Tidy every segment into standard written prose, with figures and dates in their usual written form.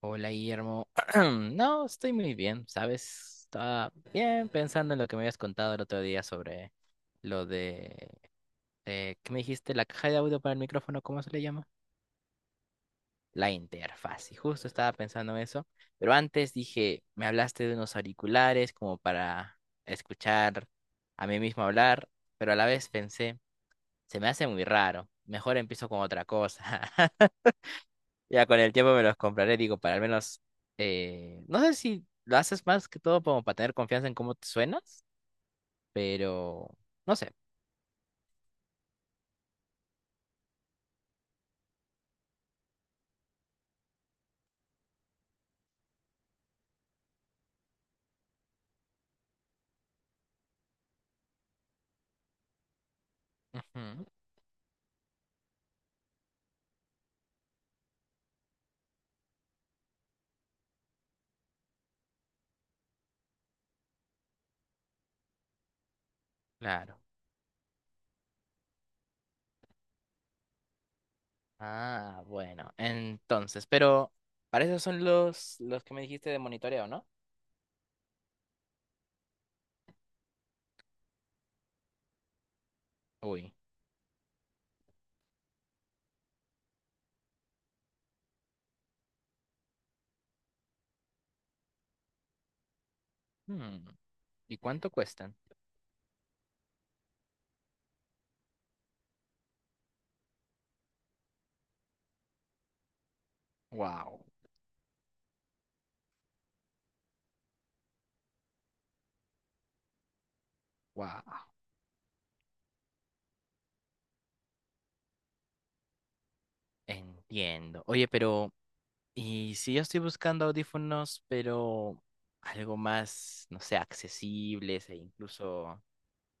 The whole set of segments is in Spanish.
Hola Guillermo. No, estoy muy bien, ¿sabes? Estaba bien pensando en lo que me habías contado el otro día sobre lo de, ¿qué me dijiste? La caja de audio para el micrófono, ¿cómo se le llama? La interfaz. Y justo estaba pensando en eso. Pero antes dije, me hablaste de unos auriculares como para escuchar a mí mismo hablar, pero a la vez pensé, se me hace muy raro. Mejor empiezo con otra cosa. Ya con el tiempo me los compraré, digo, para al menos, no sé si lo haces más que todo como para tener confianza en cómo te suenas, pero no sé. Ujú, claro. Ah, bueno, entonces, pero para eso son los que me dijiste de monitoreo, ¿no? Uy. hmm, ¿Y cuánto cuestan? Wow, wow. Entiendo. Oye, pero, ¿y si yo estoy buscando audífonos, pero algo más, no sé, accesibles e incluso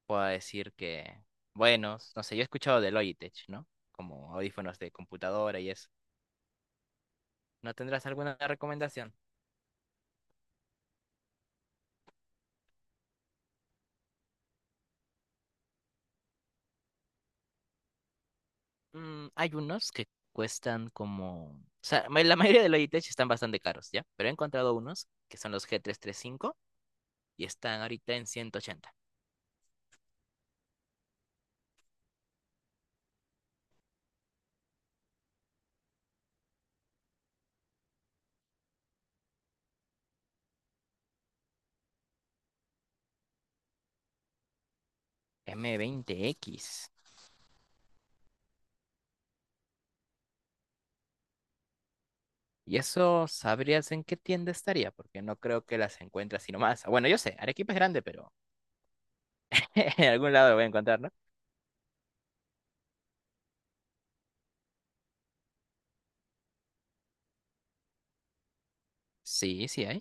pueda decir que buenos? No sé, yo he escuchado de Logitech, ¿no? Como audífonos de computadora y eso. ¿No tendrás alguna recomendación? Mm, hay unos que cuestan como, o sea, la mayoría de Logitech están bastante caros, ¿ya? Pero he encontrado unos que son los G335 y cinco y están ahorita en 180. M20x. Y eso sabrías en qué tienda estaría, porque no creo que las encuentres sino más. Bueno, yo sé, Arequipa es grande, pero en algún lado lo voy a encontrar, ¿no? Sí, sí hay.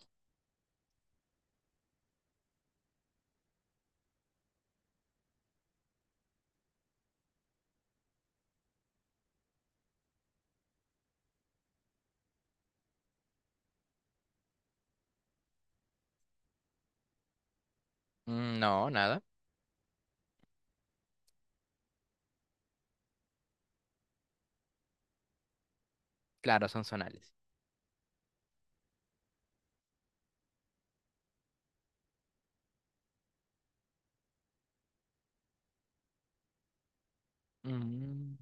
Mm, no, nada. Claro, son zonales. Mm,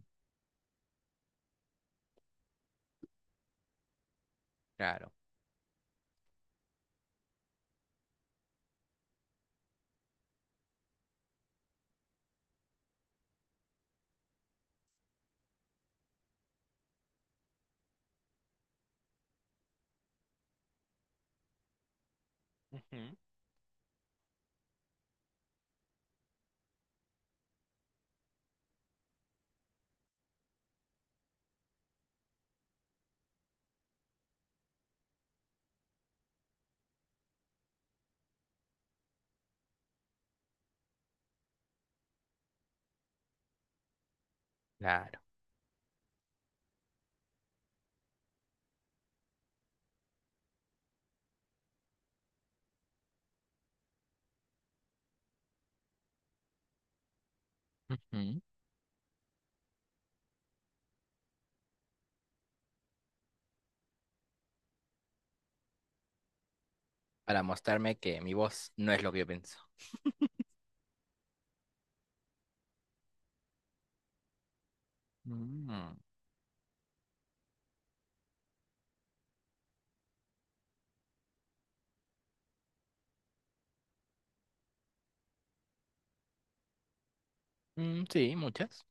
claro. Ujú, claro. Ujú. Para mostrarme que mi voz no es lo que yo pienso. Mm, mm, sí, muchas.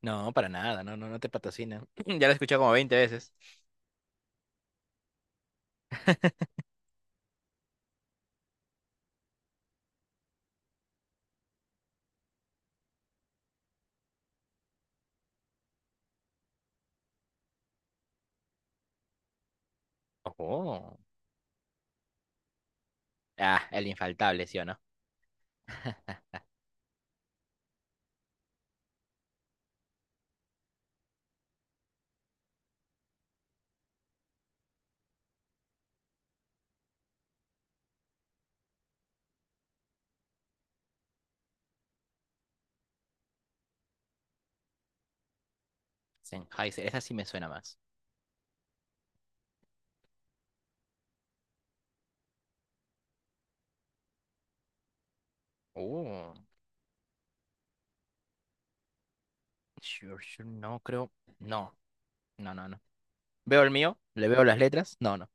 No, para nada, no, no, no te patrocina. Ya la he escuchado como 20 veces. Oh. Ah, el infaltable, ¿sí o no? Sennheiser, esa sí me suena más. Oh, sure, sure, no creo. No, no, no, no. ¿Veo el mío? ¿Le veo las letras? No, no.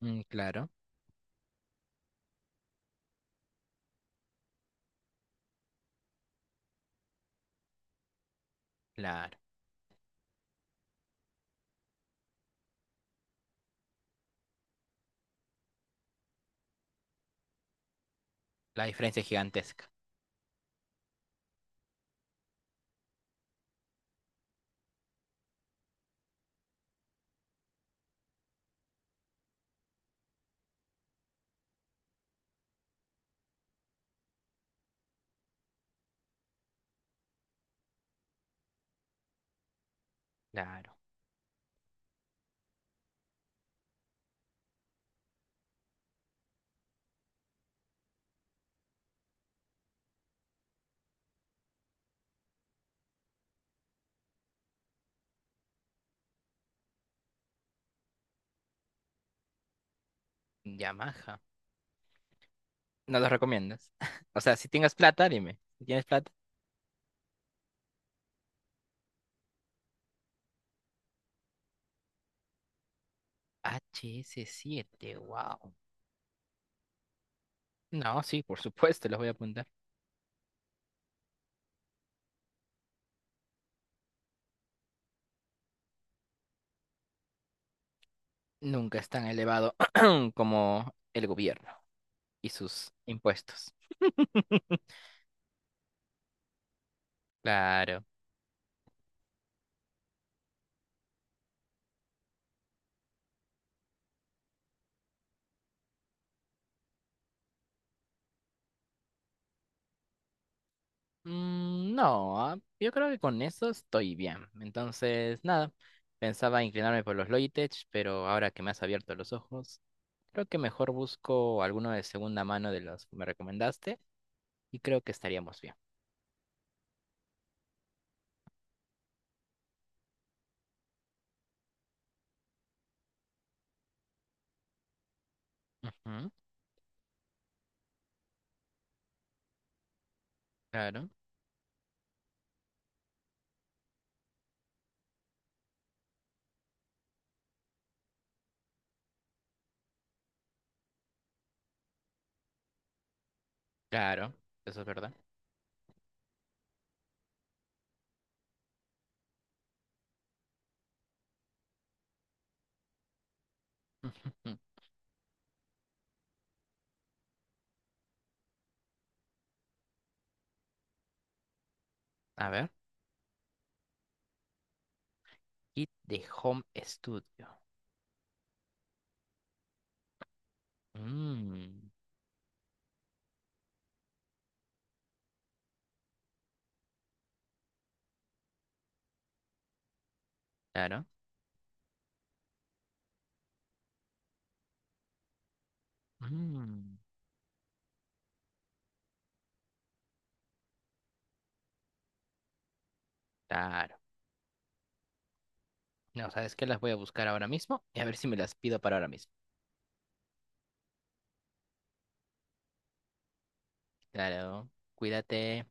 Mm, claro, claro. La diferencia es gigantesca. Claro. Yamaha. No los recomiendas. O sea, si tengas plata, dime. Si tienes plata. HS7, wow. No, sí, por supuesto, los voy a apuntar. Nunca es tan elevado como el gobierno y sus impuestos. Claro. Mm, no, ah, yo creo que con eso estoy bien. Entonces, nada, pensaba inclinarme por los Logitech, pero ahora que me has abierto los ojos, creo que mejor busco alguno de segunda mano de los que me recomendaste y creo que estaríamos bien. Ujú, claro. Claro, eso es verdad. A ver, kit de home studio. Mm, claro. Mm, claro. No, ¿sabes qué? Las voy a buscar ahora mismo y a ver si me las pido para ahora mismo. Claro, cuídate.